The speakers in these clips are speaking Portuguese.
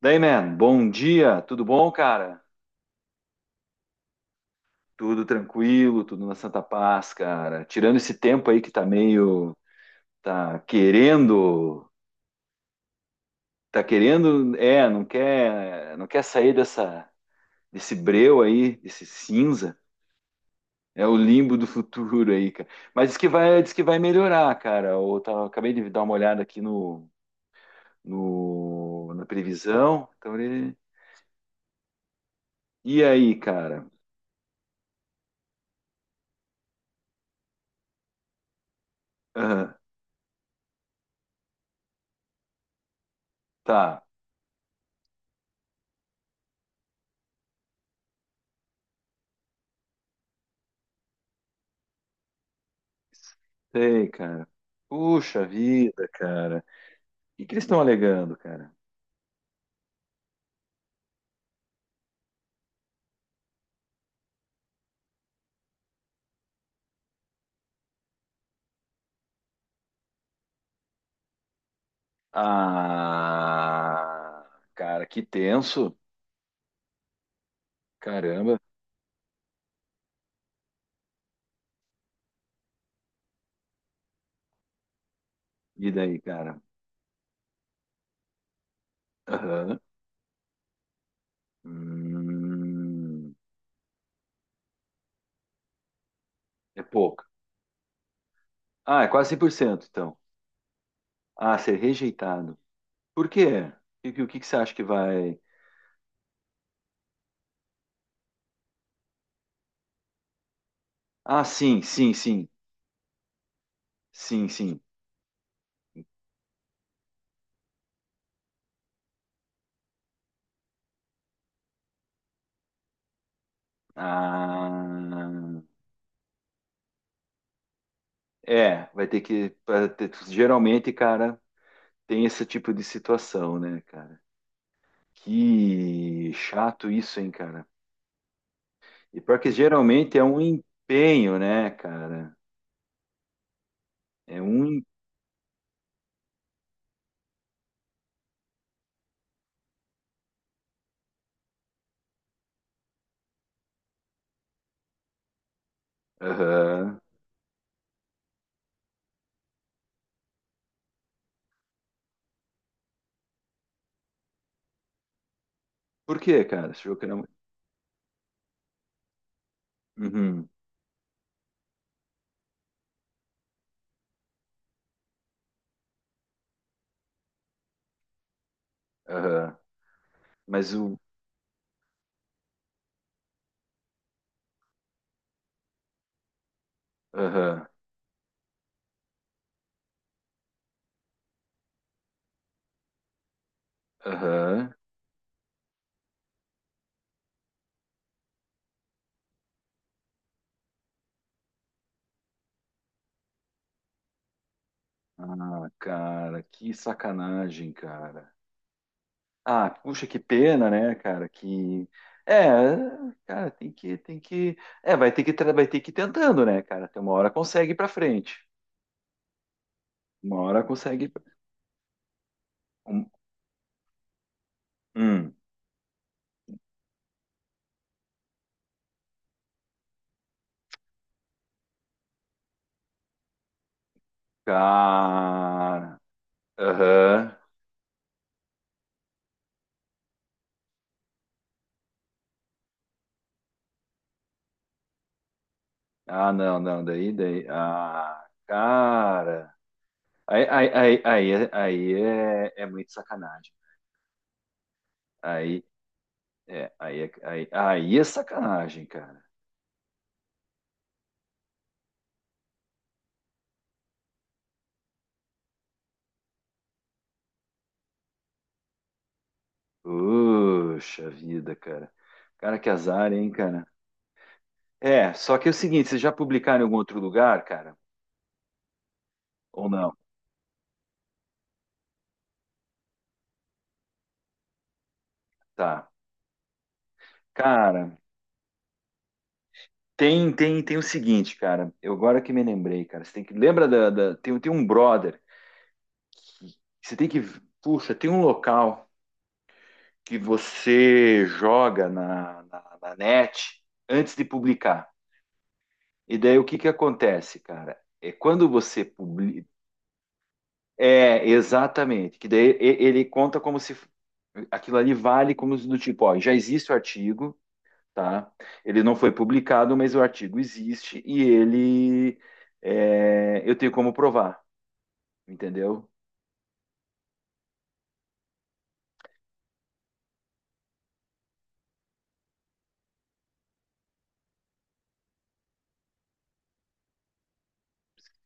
Daí, man, bom dia, tudo bom, cara? Tudo tranquilo, tudo na Santa Paz, cara. Tirando esse tempo aí que tá meio, tá querendo, tá querendo, é, não quer sair dessa, desse breu aí, desse cinza. É o limbo do futuro aí, cara. Mas diz que vai melhorar, cara. Acabei de dar uma olhada aqui no, no, na previsão. E aí, cara? Aham, tá. Sei, cara. Puxa vida, cara. O que que eles estão alegando, cara? Ah, cara, que tenso. Caramba. E daí, cara? Aham. Hum, é pouco. Ah, é quase 100% então. Ah, ser rejeitado. Por quê? O que que você acha que vai... Ah, sim, sim, sim. Sim, sim. Ah, é, vai ter que... Geralmente, cara, tem esse tipo de situação, né, cara. Que chato isso, hein, cara? E pior que geralmente é um empenho, né, cara? É um. em- Aham. Por quê, cara? Você achou que era. Uhum. Aham. Mas o. Aham. Aham. Ah, cara, que sacanagem, cara. Ah, puxa, que pena, né, cara? Que. É, cara, tem que. É, vai ter que ir tentando, né, cara? Tem uma hora consegue ir pra frente. Uma hora consegue. Hum, hum, cara. Aham. Ah, não, não, daí. Ah, cara. Aí, é, aí é muito sacanagem. Aí aí é sacanagem, cara. Puxa vida, cara. Cara, que azar, hein, cara. É, só que é o seguinte, vocês já publicaram em algum outro lugar, cara? Ou não? Tá. Cara, tem o seguinte, cara. Eu agora que me lembrei, cara. Você tem que. Lembra tem um brother. Que Você tem que. Puxa, tem um local que você joga na net antes de publicar. E daí o que que acontece, cara? É quando você publica. É, exatamente. Que daí ele conta como se aquilo ali vale como se do tipo, ó, já existe o artigo, tá? Ele não foi publicado, mas o artigo existe e ele é, eu tenho como provar, entendeu?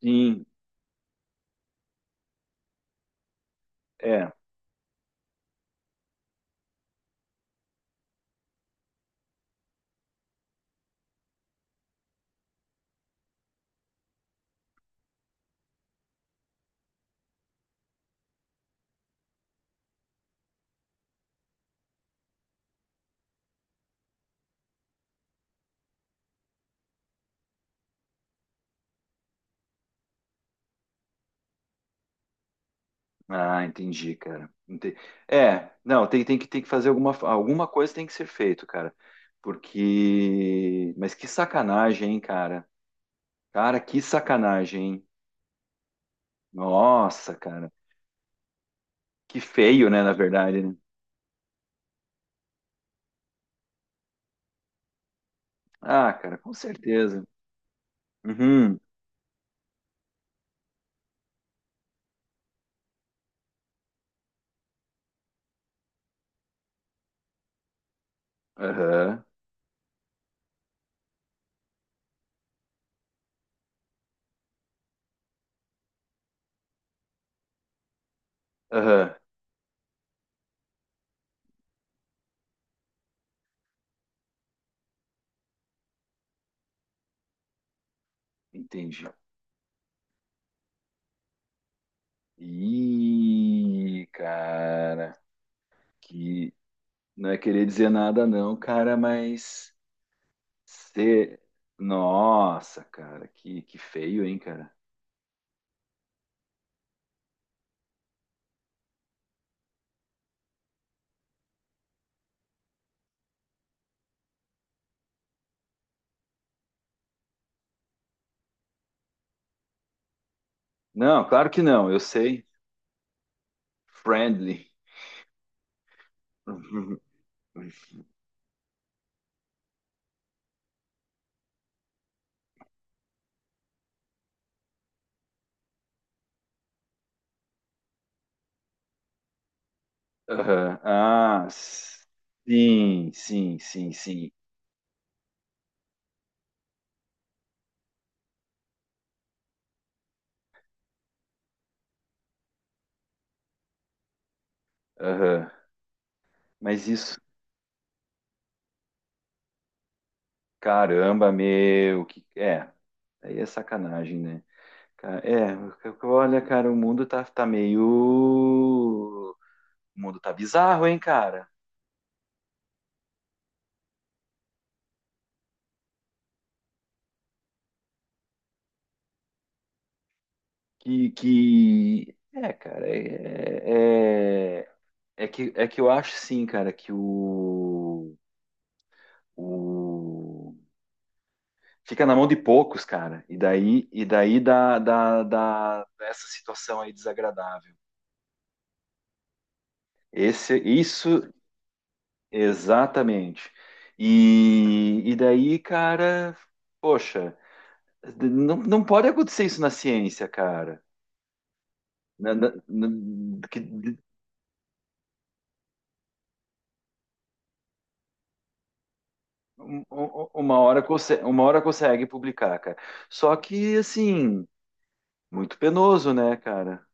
Sim, é. Ah, entendi, cara. É, não, tem, tem que fazer alguma, alguma coisa tem que ser feito, cara. Porque. Mas que sacanagem, hein, cara? Cara, que sacanagem, hein? Nossa, cara. Que feio, né, na verdade, né? Ah, cara, com certeza. Uhum. Aham. Aham. Entendi. Ih, cara. Que. Não é querer dizer nada, não, cara, mas. Cê... Nossa, cara, que feio, hein, cara? Não, claro que não, eu sei. Friendly. Aham. Ah, sim, sim, sim, sim. Aham. Mas isso, caramba, meu, que é, aí é sacanagem, né? É, olha, cara, o mundo tá meio. O mundo tá bizarro, hein, cara? Que... É, cara, é... é que eu acho sim, cara, o- fica na mão de poucos, cara. E daí dá essa situação aí desagradável. Esse, isso, exatamente. E daí, cara, poxa, não, não pode acontecer isso na ciência, cara. Na- na- na- que- uma hora consegue publicar, cara. Só que, assim, muito penoso, né, cara?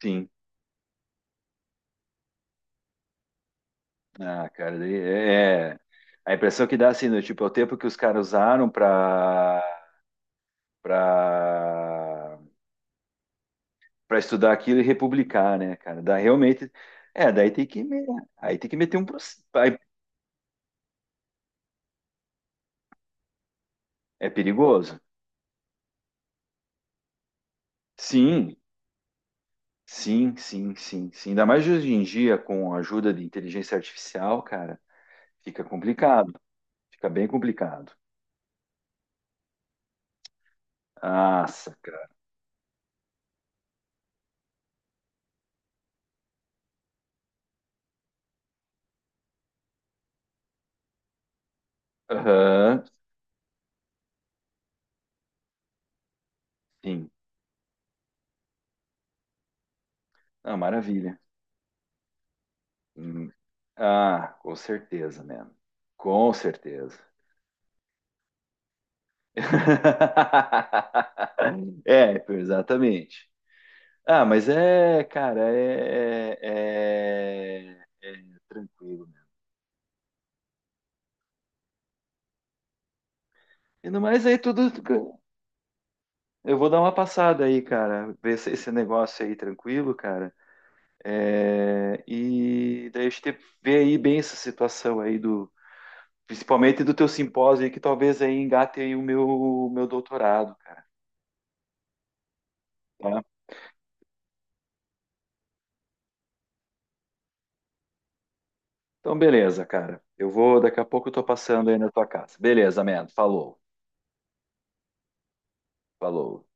Sim. Ah, cara, a impressão que dá, assim, do tipo, é o tempo que os caras usaram pra, para para estudar aquilo e republicar, né, cara? Dá realmente. É, daí tem que, me- aí tem que meter um processo. É perigoso? Sim, sim, sim, sim, sim. Ainda mais hoje em dia, com a ajuda de inteligência artificial, cara, fica complicado. Fica bem complicado. Nossa, cara. Aham, sim. Ah, maravilha. Hum, Ah, com certeza, man. Com certeza. É, exatamente. Ah, mas é, cara, é tranquilo, né? E no mais aí tudo. Eu vou dar uma passada aí, cara, ver se- esse negócio aí tranquilo, cara. É, e daí a gente vê aí bem essa situação aí do teu simpósio aí, que talvez aí engate aí o meu doutorado, cara. Então, beleza, cara. Eu vou, daqui a pouco eu tô passando aí na tua casa. Beleza, man. Falou, falou.